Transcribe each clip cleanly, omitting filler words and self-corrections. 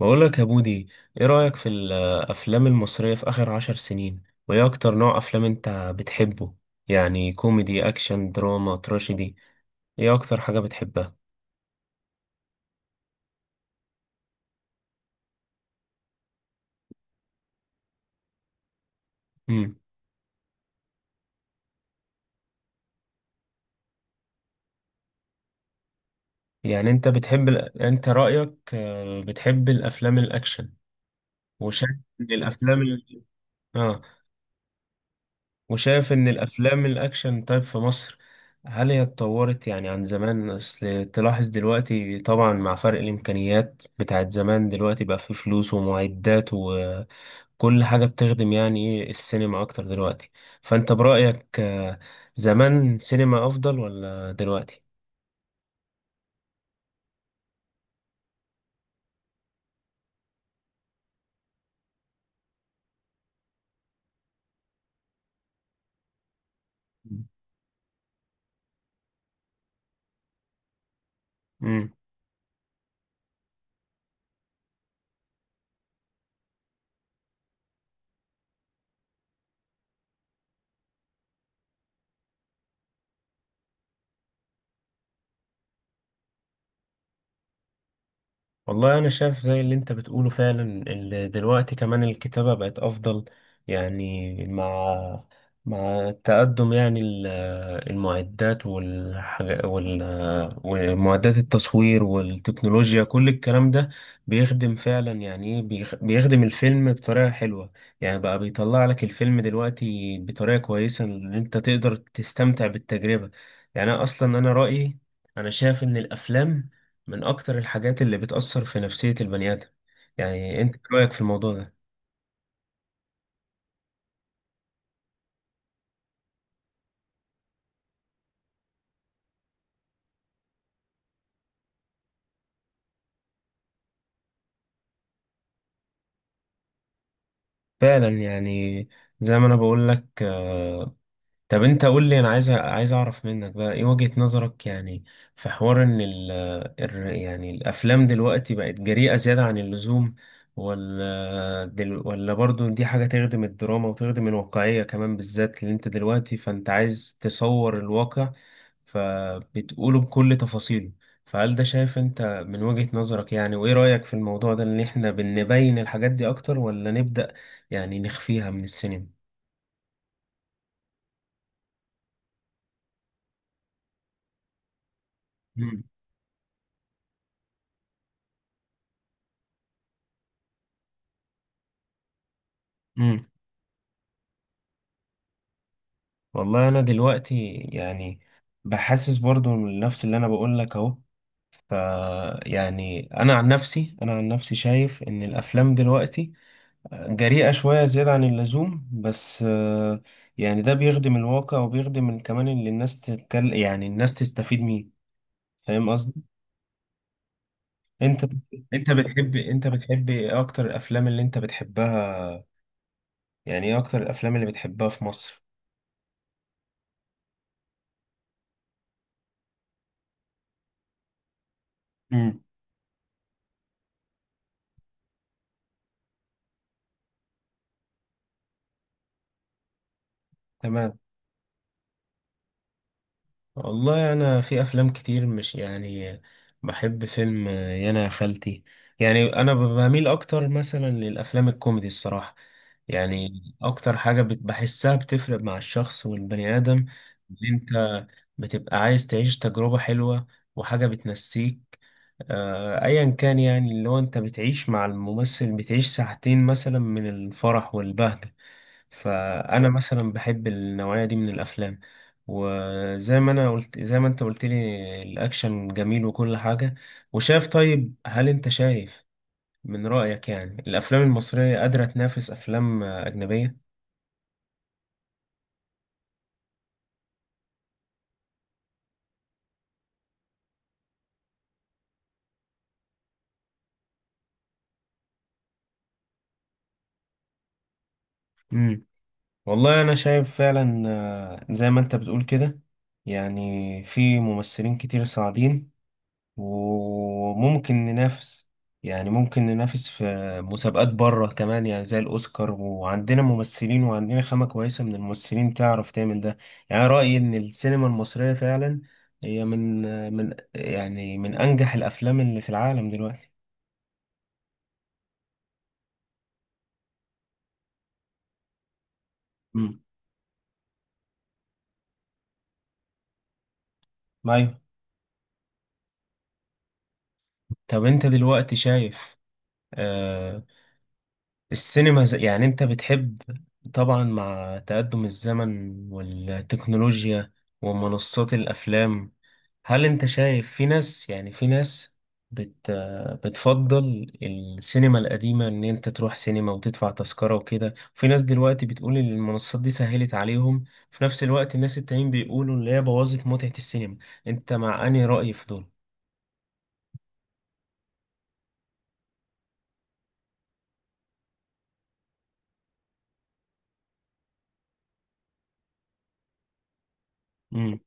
بقولك يا بودي، ايه رأيك في الأفلام المصرية في آخر عشر سنين؟ وايه أكتر نوع أفلام انت بتحبه؟ يعني كوميدي، أكشن، دراما، تراجيدي؟ ايه أكتر حاجة بتحبها؟ مم. يعني انت بتحب ال... انت رأيك بتحب الأفلام الأكشن وشايف ان الأفلام ال... اه وشايف ان الأفلام الأكشن طيب في مصر، هل هي اتطورت يعني عن زمان؟ اصل تلاحظ دلوقتي طبعا مع فرق الإمكانيات بتاعت زمان، دلوقتي بقى في فلوس ومعدات، كل حاجة بتخدم يعني ايه السينما أكتر دلوقتي. فأنت برأيك زمان سينما أفضل ولا دلوقتي؟ مم. والله أنا شايف زي اللي أنت بتقوله فعلا. دلوقتي كمان الكتابة بقت أفضل يعني مع مع التقدم يعني المعدات والحاجة ومعدات التصوير والتكنولوجيا كل الكلام ده بيخدم فعلا، يعني إيه، بيخدم الفيلم بطريقة حلوة. يعني بقى بيطلع لك الفيلم دلوقتي بطريقة كويسة إن أنت تقدر تستمتع بالتجربة. يعني أنا أصلا أنا شايف إن الأفلام من أكتر الحاجات اللي بتأثر في نفسية البني آدم. يعني أنت إيه رأيك في الموضوع ده؟ فعلا يعني زي ما أنا بقول لك. طب انت قول لي، انا عايز اعرف منك بقى ايه وجهة نظرك يعني في حوار ان يعني الافلام دلوقتي بقت جريئة زيادة عن اللزوم، ولا برضو دي حاجة تخدم الدراما وتخدم الواقعية كمان؟ بالذات اللي انت دلوقتي، فانت عايز تصور الواقع فبتقوله بكل تفاصيله. فهل ده شايف انت من وجهة نظرك يعني، وايه رأيك في الموضوع ده؟ ان احنا بنبين الحاجات دي اكتر ولا نبدأ يعني نخفيها من السينما؟ مم. مم. والله انا دلوقتي يعني بحسس برضو من نفس اللي انا بقول لك اهو. ف يعني انا عن نفسي شايف ان الافلام دلوقتي جريئة شوية زيادة عن اللزوم، بس يعني ده بيخدم الواقع وبيخدم كمان اللي الناس تتكلم يعني الناس تستفيد منه. فاهم قصدي؟ انت انت بتحب ايه اكتر الافلام اللي انت بتحبها؟ يعني ايه اكتر الافلام اللي بتحبها في مصر؟ امم. تمام. والله انا في افلام كتير، مش يعني، بحب فيلم يانا يا خالتي. يعني انا بميل اكتر مثلا للافلام الكوميدي الصراحه. يعني اكتر حاجه بحسها بتفرق مع الشخص والبني ادم، ان انت بتبقى عايز تعيش تجربه حلوه وحاجه بتنسيك ايا كان، يعني اللي هو انت بتعيش مع الممثل، بتعيش ساعتين مثلا من الفرح والبهجه. فانا مثلا بحب النوعيه دي من الافلام. وزي ما انا قلت، زي ما انت قلت لي، الاكشن جميل وكل حاجه. وشايف طيب، هل انت شايف من رايك يعني الافلام المصريه قادره تنافس افلام اجنبيه؟ امم. والله انا شايف فعلا زي ما انت بتقول كده. يعني في ممثلين كتير صاعدين وممكن ننافس، يعني ممكن ننافس في مسابقات بره كمان يعني زي الأوسكار. وعندنا ممثلين وعندنا خامة كويسة من الممثلين تعرف تعمل ده. يعني رأيي إن السينما المصرية فعلا هي من يعني من أنجح الأفلام اللي في العالم دلوقتي. مم. أيوة. طب أنت دلوقتي شايف آه، السينما زي يعني انت بتحب، طبعا مع تقدم الزمن والتكنولوجيا ومنصات الافلام، هل انت شايف في ناس، يعني في ناس بت بتفضل السينما القديمة، ان انت تروح سينما وتدفع تذكرة وكده؟ في ناس دلوقتي بتقول ان المنصات دي سهلت عليهم، في نفس الوقت الناس التانيين بيقولوا ان هي بوظت متعة السينما. انت مع انهي رأي في دول؟ امم.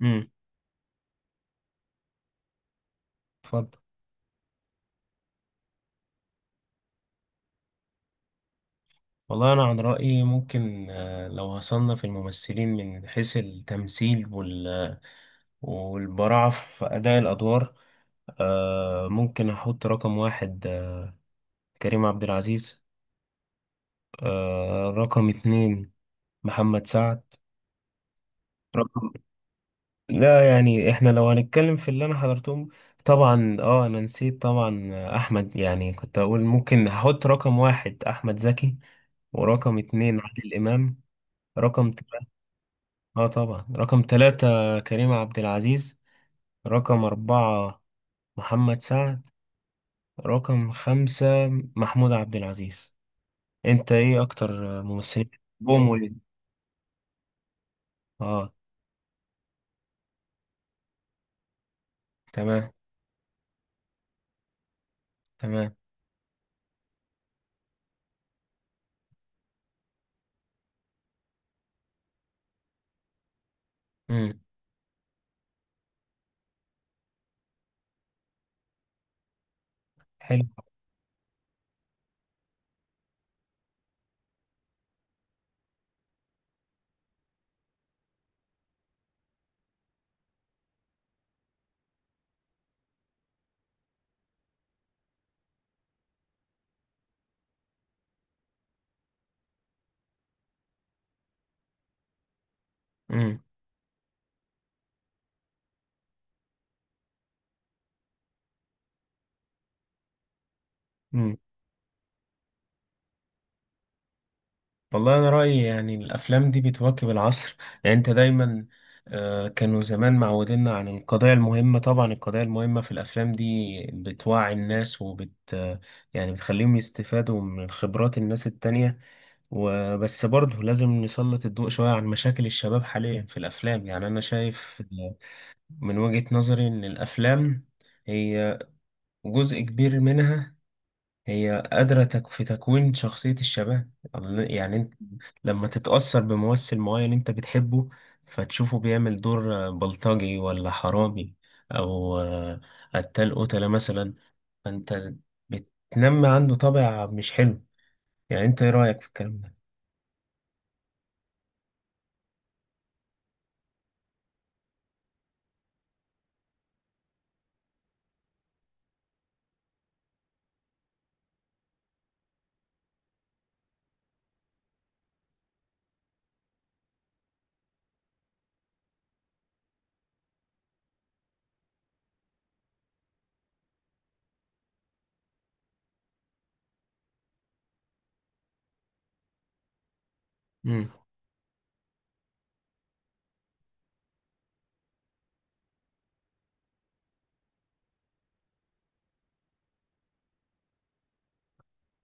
امم. اتفضل. والله أنا عن رأيي ممكن لو هصنف الممثلين من حيث التمثيل والبراعة في أداء الأدوار، ممكن أحط رقم واحد كريم عبد العزيز، رقم اتنين محمد سعد، رقم، لا يعني احنا لو هنتكلم في اللي أنا حضرتهم، طبعا اه أنا نسيت طبعا أحمد، يعني كنت أقول ممكن أحط رقم واحد أحمد زكي، ورقم اتنين عادل إمام، رقم تلاتة، اه طبعا رقم ثلاثة كريم عبد العزيز، رقم أربعة محمد سعد، رقم خمسة محمود عبد العزيز. انت ايه اكتر ممثلين؟ بوم وليد. اه. تمام. تمام. امم. حلو. امم. امم. والله انا رأيي يعني الافلام دي بتواكب العصر. يعني انت دايما كانوا زمان معودينا عن القضايا المهمة، طبعا القضايا المهمة في الأفلام دي بتوعي الناس وبت آه، يعني بتخليهم يستفادوا من خبرات الناس التانية. وبس برضه لازم نسلط الضوء شوية عن مشاكل الشباب حاليا في الأفلام. يعني أنا شايف من وجهة نظري إن الأفلام هي جزء كبير منها هي قادرة في تكوين شخصية الشباب. يعني أنت لما تتأثر بممثل معين أنت بتحبه، فتشوفه بيعمل دور بلطجي ولا حرامي أو قتال قتلة مثلا، فأنت بتنمي عنده طابع مش حلو. يعني أنت إيه رأيك في الكلام ده؟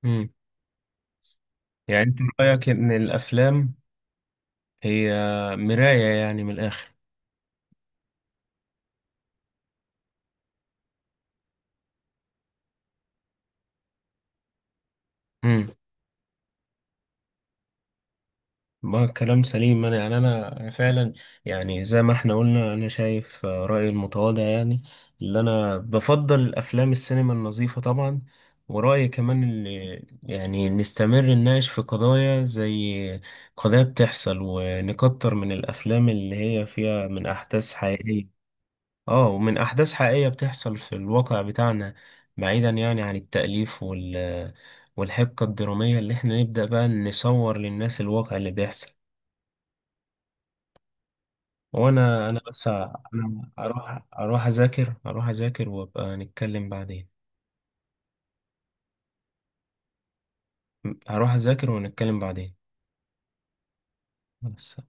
مم. يعني انت رأيك ان الافلام هي مراية يعني من الاخر. امم. ما كلام سليم. انا يعني انا فعلا، يعني زي ما احنا قلنا، انا شايف رأيي المتواضع يعني، اللي انا بفضل الافلام السينما النظيفة طبعا. ورأيي كمان اللي يعني نستمر نناقش في قضايا زي قضايا بتحصل، ونكتر من الافلام اللي هي فيها من احداث حقيقية. اه ومن احداث حقيقية بتحصل في الواقع بتاعنا، بعيدا يعني عن التأليف والحبكة الدرامية. اللي احنا نبدأ بقى نصور للناس الواقع اللي بيحصل. وانا، انا اروح اروح اذاكر وابقى نتكلم بعدين. هروح اذاكر ونتكلم بعدين. بس.